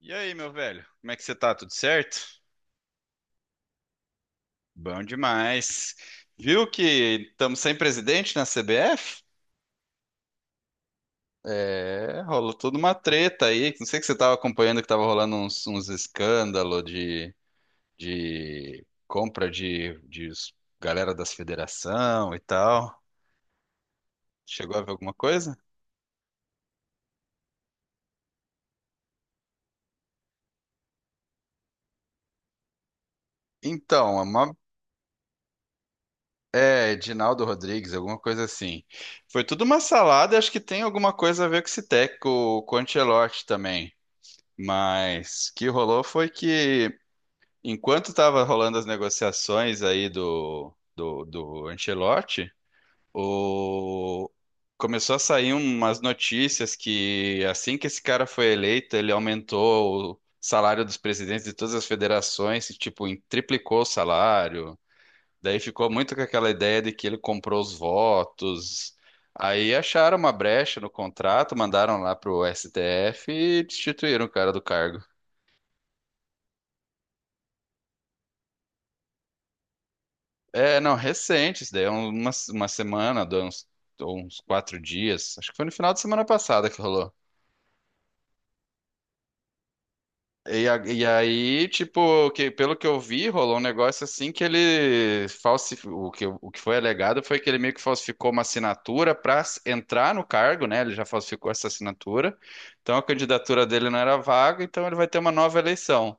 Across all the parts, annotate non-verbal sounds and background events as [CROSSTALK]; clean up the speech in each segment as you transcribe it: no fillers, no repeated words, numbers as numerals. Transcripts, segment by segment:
E aí, meu velho? Como é que você tá? Tudo certo? Bom demais. Viu que estamos sem presidente na CBF? É, rolou toda uma treta aí. Não sei que você estava acompanhando que estava rolando uns escândalos de compra de galera das federação e tal. Chegou a ver alguma coisa? Então, é uma, é Edinaldo Rodrigues, alguma coisa assim. Foi tudo uma salada, e acho que tem alguma coisa a ver com esse técnico, com o Ancelotti também. Mas o que rolou foi que, enquanto estava rolando as negociações aí do Ancelotti, o... começou a sair umas notícias que, assim que esse cara foi eleito, ele aumentou o salário dos presidentes de todas as federações, e, tipo, triplicou o salário. Daí ficou muito com aquela ideia de que ele comprou os votos. Aí acharam uma brecha no contrato, mandaram lá pro STF e destituíram o cara do cargo. É, não, recente, isso daí é uma semana, dá uns, deu uns quatro dias. Acho que foi no final de semana passada que rolou. E, e aí, tipo, pelo que eu vi, rolou um negócio assim que ele falsificou. O que foi alegado foi que ele meio que falsificou uma assinatura para entrar no cargo, né? Ele já falsificou essa assinatura. Então a candidatura dele não era vaga, então ele vai ter uma nova eleição.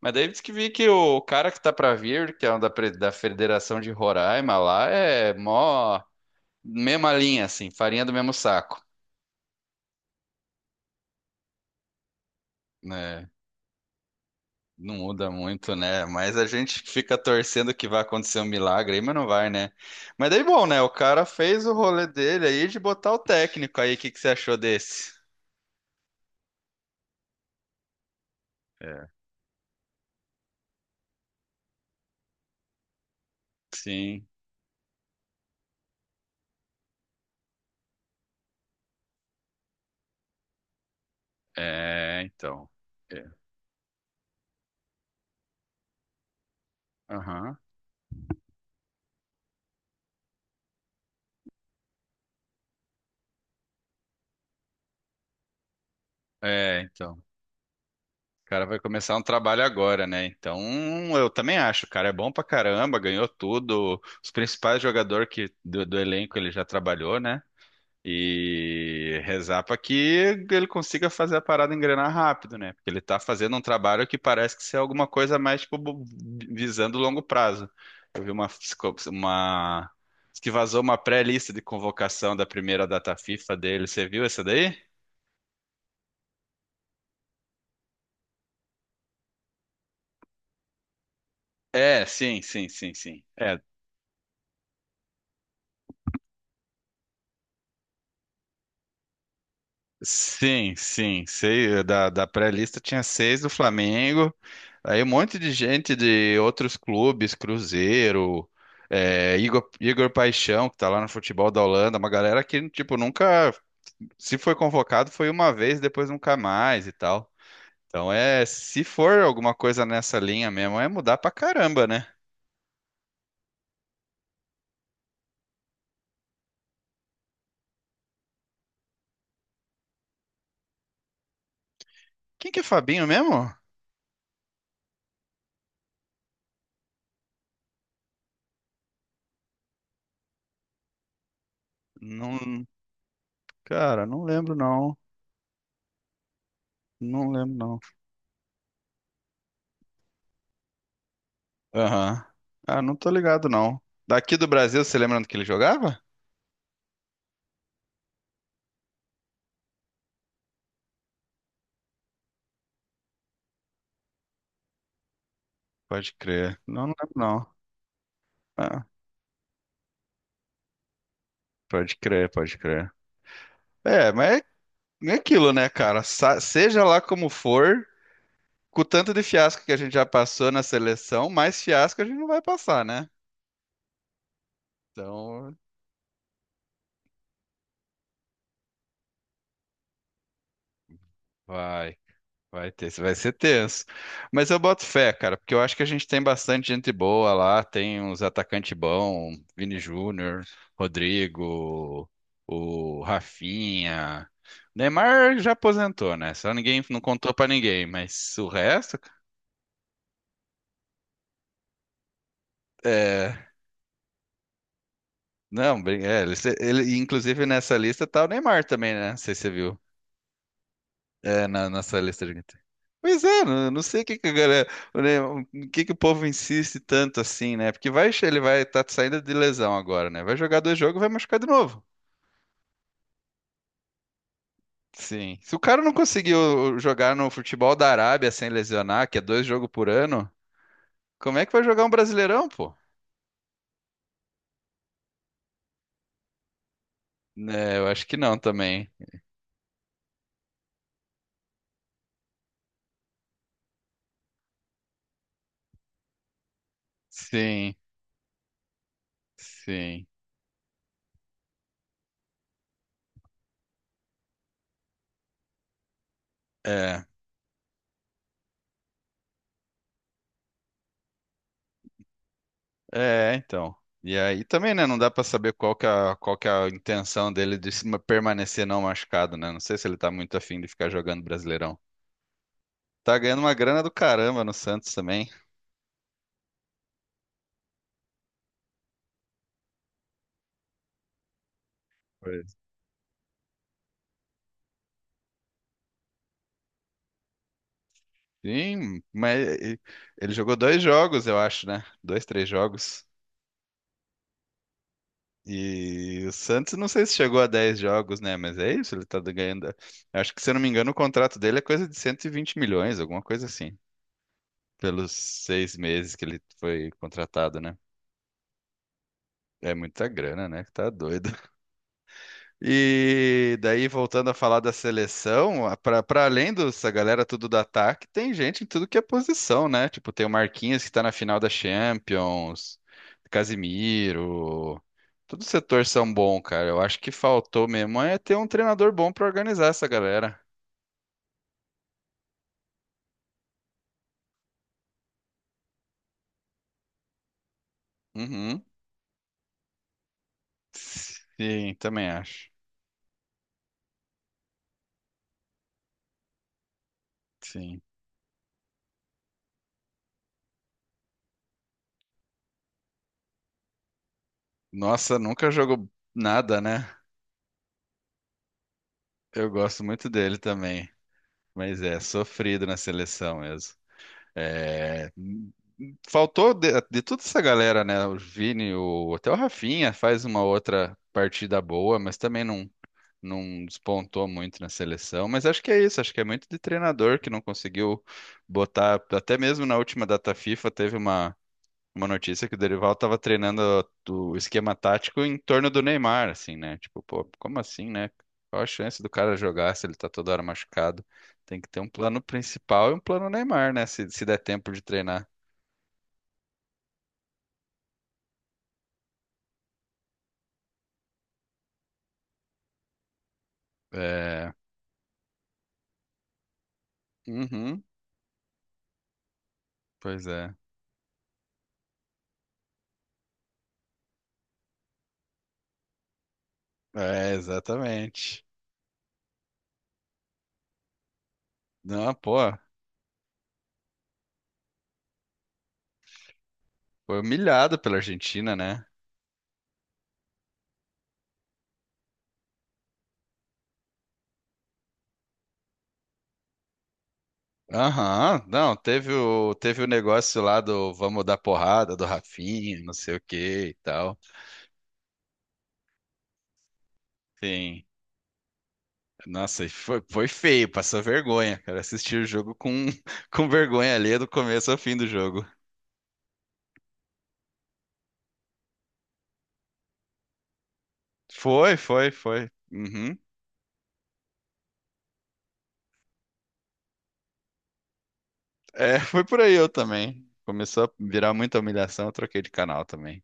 Mas daí diz que vi que o cara que tá pra vir, que é um da, da Federação de Roraima lá, é mó. Mesma linha, assim, farinha do mesmo saco, né? Não muda muito, né? Mas a gente fica torcendo que vai acontecer um milagre aí, mas não vai, né? Mas daí, bom, né? O cara fez o rolê dele aí de botar o técnico aí. O que que você achou desse? É. Sim. É, então. É. Aham. É, então. O cara vai começar um trabalho agora, né? Então, eu também acho, o cara é bom pra caramba, ganhou tudo. Os principais jogadores que, do elenco ele já trabalhou, né? E rezar para que ele consiga fazer a parada engrenar rápido, né? Porque ele tá fazendo um trabalho que parece que ser alguma coisa mais tipo visando longo prazo. Eu vi uma, uma diz que vazou uma pré-lista de convocação da primeira data FIFA dele. Você viu essa daí? É, sim. É, sim, sei, da pré-lista tinha seis do Flamengo, aí um monte de gente de outros clubes, Cruzeiro, é, Igor Paixão, que tá lá no futebol da Holanda, uma galera que, tipo, nunca, se foi convocado, foi uma vez, depois nunca mais e tal. Então é, se for alguma coisa nessa linha mesmo, é mudar pra caramba, né? Quem que é Fabinho mesmo? Não, cara, não lembro não, não lembro. Aham. Ah, não tô ligado, não. Daqui do Brasil, você lembra onde que ele jogava? Pode crer. Não, não lembro, não. Ah, pode crer, pode crer. É, mas é aquilo, né, cara? Seja lá como for, com o tanto de fiasco que a gente já passou na seleção, mais fiasco a gente não vai passar, né? Então, vai. Vai ter, vai ser tenso. Mas eu boto fé, cara, porque eu acho que a gente tem bastante gente boa lá, tem uns atacantes bons, Vini Júnior, Rodrigo, o Rafinha. Neymar já aposentou, né? Só ninguém não contou pra ninguém, mas o resto é, não, é, inclusive nessa lista tá o Neymar também, né? Não sei se você viu. É, na sala estrangulante. Pois é, não, não sei o que que a galera, né, o que que o povo insiste tanto assim, né? Porque vai, ele vai estar saindo de lesão agora, né? Vai jogar dois jogos e vai machucar de novo. Sim. Se o cara não conseguiu jogar no futebol da Arábia sem lesionar, que é dois jogos por ano, como é que vai jogar um Brasileirão, pô? É, eu acho que não também. Sim, sim. é. É, então. E aí também, né? Não dá pra saber qual que é, qual que é a intenção dele de se permanecer não machucado, né? Não sei se ele tá muito afim de ficar jogando Brasileirão. Tá ganhando uma grana do caramba no Santos também. Pois. Sim, ele jogou dois jogos, eu acho, né? Dois, três jogos. E o Santos, não sei se chegou a 10 jogos, né? Mas é isso, ele tá ganhando. Acho que, se eu não me engano, o contrato dele é coisa de 120 milhões, alguma coisa assim, pelos 6 meses que ele foi contratado, né? É muita grana, né? Que tá doido. E daí, voltando a falar da seleção, para além dessa galera tudo do ataque, tem gente em tudo que é posição, né? Tipo, tem o Marquinhos que tá na final da Champions, Casimiro. Todo o setor são bom, cara. Eu acho que faltou mesmo é ter um treinador bom pra organizar essa galera. Uhum. Sim, também acho. Sim. Nossa, nunca jogou nada, né? Eu gosto muito dele também. Mas é, sofrido na seleção mesmo. É, faltou de toda essa galera, né? O Vini, o, até o Rafinha faz uma outra partida boa, mas também não, não despontou muito na seleção. Mas acho que é isso, acho que é muito de treinador que não conseguiu botar, até mesmo na última data FIFA teve uma notícia que o Dorival estava treinando o esquema tático em torno do Neymar, assim, né? Tipo, pô, como assim, né? Qual a chance do cara jogar se ele tá toda hora machucado? Tem que ter um plano principal e um plano Neymar, né? Se der tempo de treinar. É. Uhum, pois é. É, exatamente. Não, pô, foi humilhado pela Argentina, né? Aham, não, teve o, teve o negócio lá do vamos dar porrada do Rafinha, não sei o que e tal. Sim, nossa, e foi, foi feio, passou vergonha, cara. Assistir o jogo com, [LAUGHS] com vergonha ali do começo ao fim do jogo. Foi, foi, foi. Uhum. É, [LAUGHS] foi por aí eu também. Começou a virar muita humilhação, eu troquei de canal também.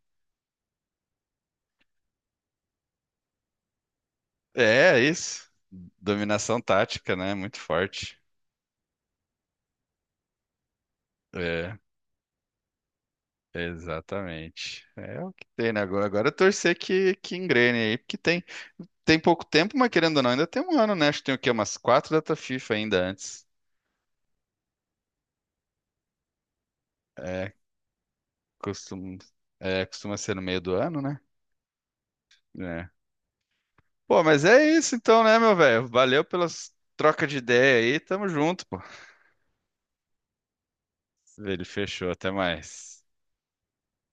É, é isso. Dominação tática, né? Muito forte. É, exatamente. É o que tem, né? Agora, agora é torcer que engrene aí, porque tem, tem pouco tempo, mas querendo ou não, ainda tem 1 ano, né? Acho que tem o quê? Umas quatro data FIFA ainda antes. É, costuma, é, costuma ser no meio do ano, né? É. Pô, mas é isso então, né, meu velho? Valeu pelas trocas de ideia aí. Tamo junto, pô. Ele fechou. Até mais.